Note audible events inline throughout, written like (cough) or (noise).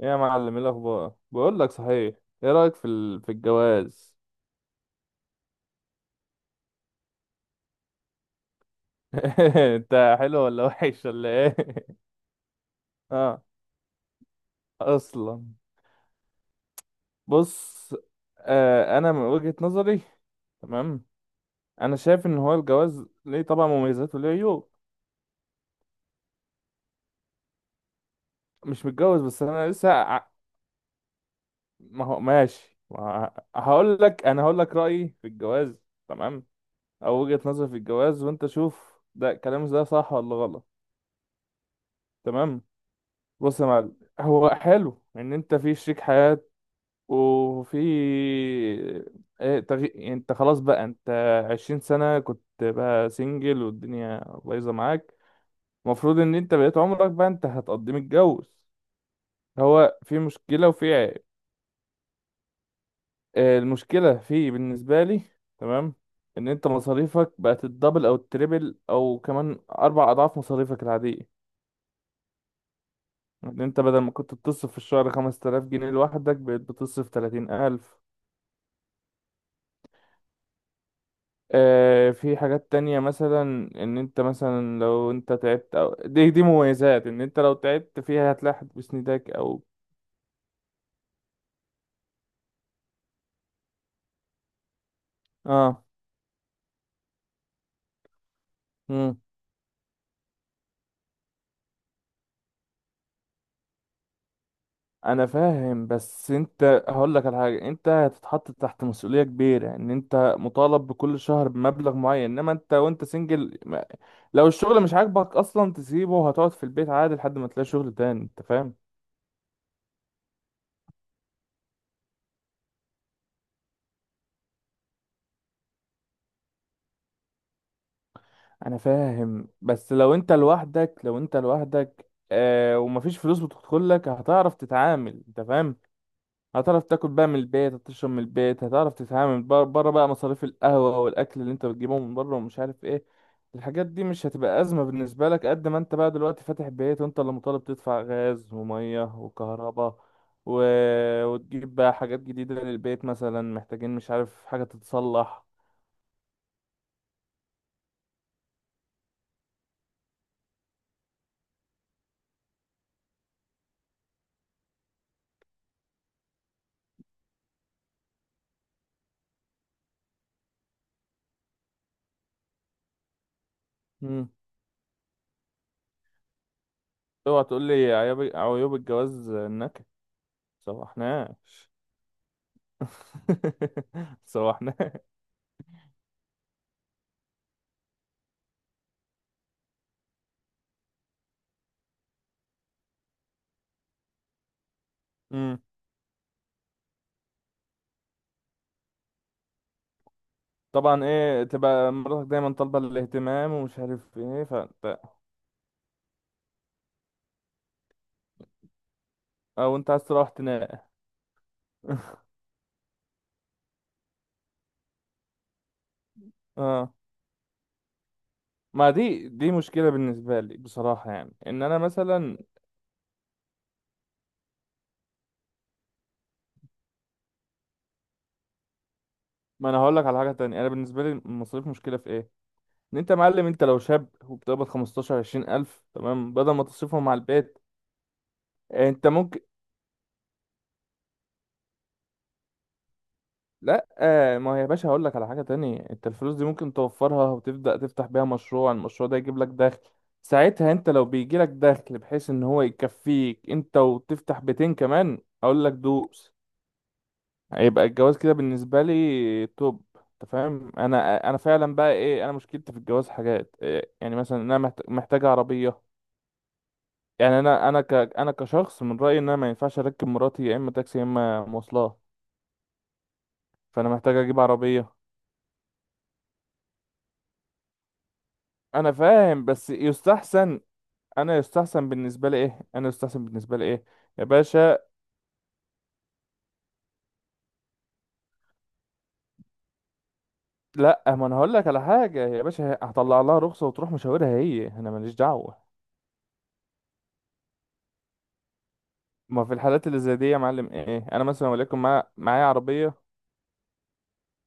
إيه يا معلم، ايه الاخبار؟ بقول لك، صحيح، ايه رايك في الجواز؟ (laughs) انت حلو ولا وحش ولا ايه؟ (laughs) اه. اصلا، بص، آه، انا من وجهة نظري، تمام. انا شايف ان هو الجواز ليه طبعا مميزات وليه عيوب. مش متجوز بس انا لسه ما هو ماشي ما هقول لك، انا هقول لك رايي في الجواز، تمام، او وجهة نظري في الجواز، وانت شوف ده كلامي ده صح ولا غلط. تمام. بص يا معلم، هو حلو ان انت في شريك حياة، وفي يعني انت خلاص، بقى انت 20 سنة كنت بقى سنجل والدنيا بايظة معاك. المفروض ان انت بقيت عمرك بقى انت هتقضي متجوز. هو في مشكلة وفي عيب. آه، المشكلة في بالنسبة لي، تمام، ان انت مصاريفك بقت الدبل او التريبل او كمان اربع اضعاف مصاريفك العادية. ان انت بدل ما كنت بتصرف في الشهر 5000 جنيه لوحدك بقيت بتصرف 30,000. آه، في حاجات تانية، مثلا ان انت مثلا لو انت تعبت، او دي مميزات ان انت لو تعبت فيها هتلاحظ بسندك او اه. مم. انا فاهم، بس انت، هقول لك على حاجه، انت هتتحط تحت مسؤوليه كبيره، ان انت مطالب بكل شهر بمبلغ معين. انما انت وانت سنجل لو الشغل مش عاجبك اصلا تسيبه وهتقعد في البيت عادي لحد ما تلاقي شغل تاني، انت فاهم. انا فاهم، بس لو انت لوحدك، لو انت لوحدك آه، ومفيش فلوس بتدخل لك، هتعرف تتعامل، انت فاهم. هتعرف تاكل بقى من البيت، هتشرب من البيت، هتعرف تتعامل بره بقى مصاريف القهوة والاكل اللي انت بتجيبهم من بره ومش عارف ايه. الحاجات دي مش هتبقى أزمة بالنسبة لك قد ما انت بقى دلوقتي فاتح بيت وانت اللي مطالب تدفع غاز ومية وكهرباء و... وتجيب بقى حاجات جديدة للبيت، مثلا محتاجين مش عارف حاجة تتصلح. مم. اوعى تقول لي عيوب، عيوب الجواز النكد. سوحناش. (laughs) سوحناش. امم. طبعا ايه، تبقى مراتك دايما طالبة الاهتمام ومش عارف ايه، فانت او انت عايز تروح تنام. (laughs) اه. ما دي مشكلة بالنسبة لي بصراحة، يعني ان انا مثلا، ما انا هقول لك على حاجة تانية. انا بالنسبة لي المصاريف مشكلة في ايه؟ ان انت معلم، انت لو شاب وبتقبض 15 20 الف تمام، بدل ما تصرفهم على البيت انت ممكن، لا آه، ما هي يا باشا، هقول لك على حاجة تانية، انت الفلوس دي ممكن توفرها وتبدأ تفتح بيها مشروع. المشروع ده يجيب لك دخل. ساعتها انت لو بيجي لك دخل بحيث ان هو يكفيك انت وتفتح بيتين كمان، اقول لك دوس. هيبقى الجواز كده بالنسبة لي توب، انت فاهم. انا فعلا بقى ايه، انا مشكلتي في الجواز حاجات إيه، يعني مثلا انا محتاج عربية. يعني انا كشخص من رأيي ان انا ما ينفعش اركب مراتي يا اما تاكسي يا اما مواصلات. فانا محتاج اجيب عربية. انا فاهم بس يستحسن، انا يستحسن بالنسبه لي ايه، انا يستحسن بالنسبه لي ايه يا باشا. لا، ما انا هقول لك على حاجه يا باشا، هطلع لها رخصه وتروح مشاورها هي، انا ماليش دعوه. ما في الحالات اللي زي دي يا معلم ايه، انا مثلا وليكن معايا عربيه.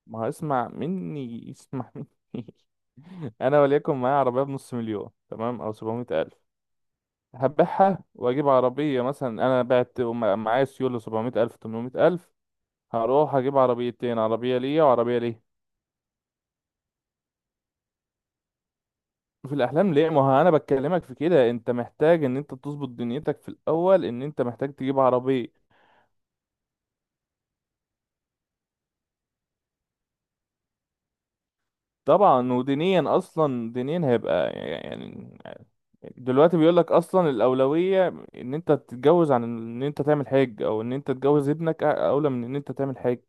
ما هيسمع مني، يسمع مني. (laughs) انا وليكن معايا عربيه بنص مليون تمام او 700 الف، هبيعها واجيب عربيه. مثلا انا بعت معايا سيوله 700 الف 800 الف، هروح اجيب عربيتين، عربيه ليا وعربيه ليه. في الاحلام ليه؟ ما هو انا بكلمك في كده، انت محتاج ان انت تظبط دنيتك في الاول، ان انت محتاج تجيب عربيه. طبعا، ودينيا اصلا، دينيا هيبقى يعني دلوقتي بيقول لك اصلا الاولويه ان انت تتجوز عن ان انت تعمل حاج، او ان انت تجوز ابنك اولى من ان انت تعمل حاج.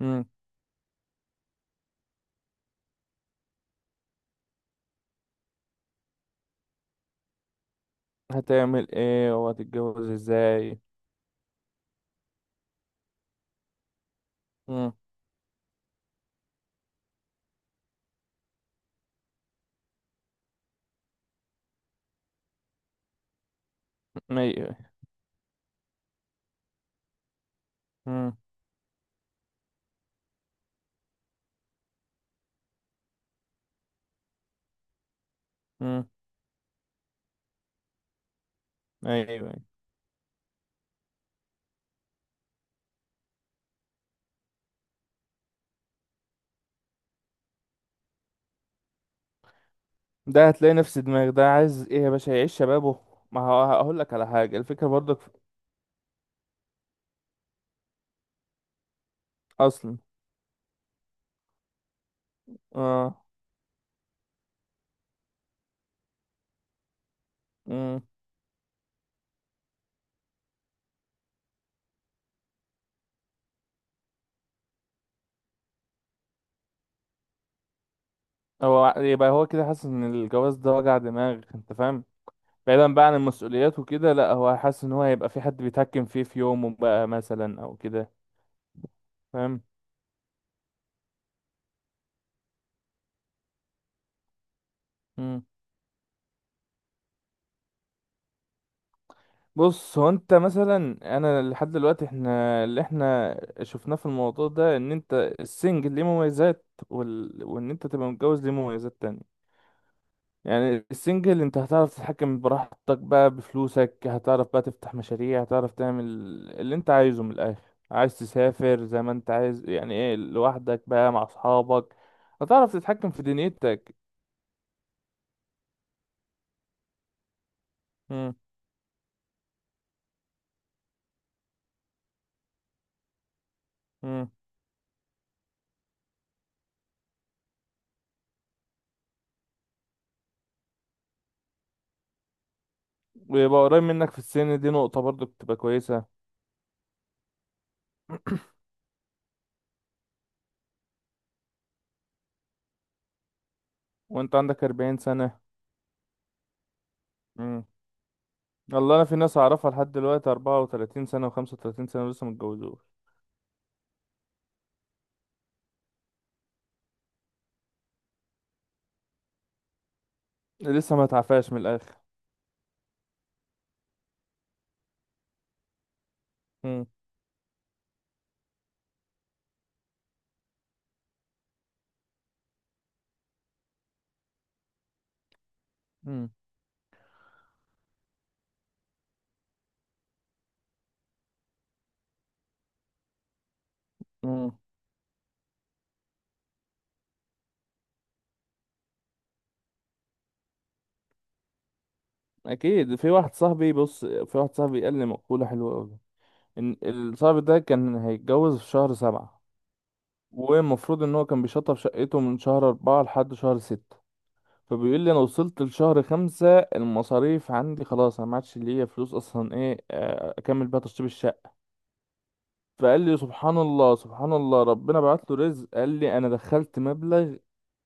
امم. هتعمل ايه وهتتجوز ازاي؟ امم. ايوه. امم. امم. ايوه. ده هتلاقي نفس دماغ ده عايز ايه يا باشا، يعيش شبابه. ما هو هقول لك على حاجه، الفكره برضك، اصلا اه. امم. يبقى هو كده حاسس ان الجواز ده وجع دماغ، انت فاهم. بعيدا بقى عن المسؤوليات وكده، لا هو حاسس ان هو هيبقى في حد بيتحكم فيه في يومه بقى، مثلا او كده. فاهم. امم. بص هو انت مثلا، انا لحد دلوقتي، احنا اللي احنا شفناه في الموضوع ده ان انت السنجل ليه مميزات وان انت تبقى متجوز ليه مميزات تانية. يعني السنجل انت هتعرف تتحكم براحتك بقى بفلوسك، هتعرف بقى تفتح مشاريع، هتعرف تعمل اللي انت عايزه من الاخر. عايز تسافر زي ما انت عايز يعني ايه، لوحدك بقى مع اصحابك، هتعرف تتحكم في دنيتك. مم. مم. ويبقى قريب منك في السن، دي نقطة برضو بتبقى كويسة، وانت عندك 40 سنة. مم. والله انا في ناس اعرفها لحد دلوقتي 34 سنة و35 سنة ولسه متجوزوش. لسه ما اتعفاش من الاخر. مم. مم. مم. اكيد. في واحد صاحبي بص، في واحد صاحبي قال لي مقولة حلوة قوي، ان الصاحب ده كان هيتجوز في شهر سبعة، والمفروض ان هو كان بيشطب شقته من شهر اربعة لحد شهر ستة. فبيقول لي انا وصلت لشهر خمسة المصاريف عندي خلاص، انا ما عادش ليا فلوس اصلا ايه، آه، اكمل بيها تشطيب الشقة. فقال لي سبحان الله، سبحان الله، ربنا بعت له رزق. قال لي انا دخلت مبلغ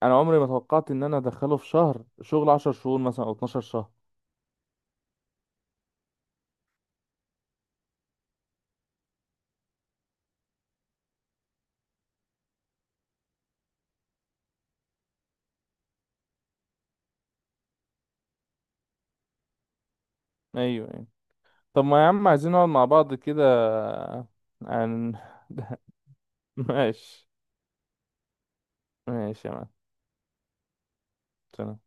انا عمري ما توقعت ان انا ادخله في شهر شغل 10 شهور مثلا او 12 شهر. ايوه، أيوه. طب ما يا عم عايزين نقعد مع بعض كده عن. (laughs) ماشي. ماشي يا مان. سلام.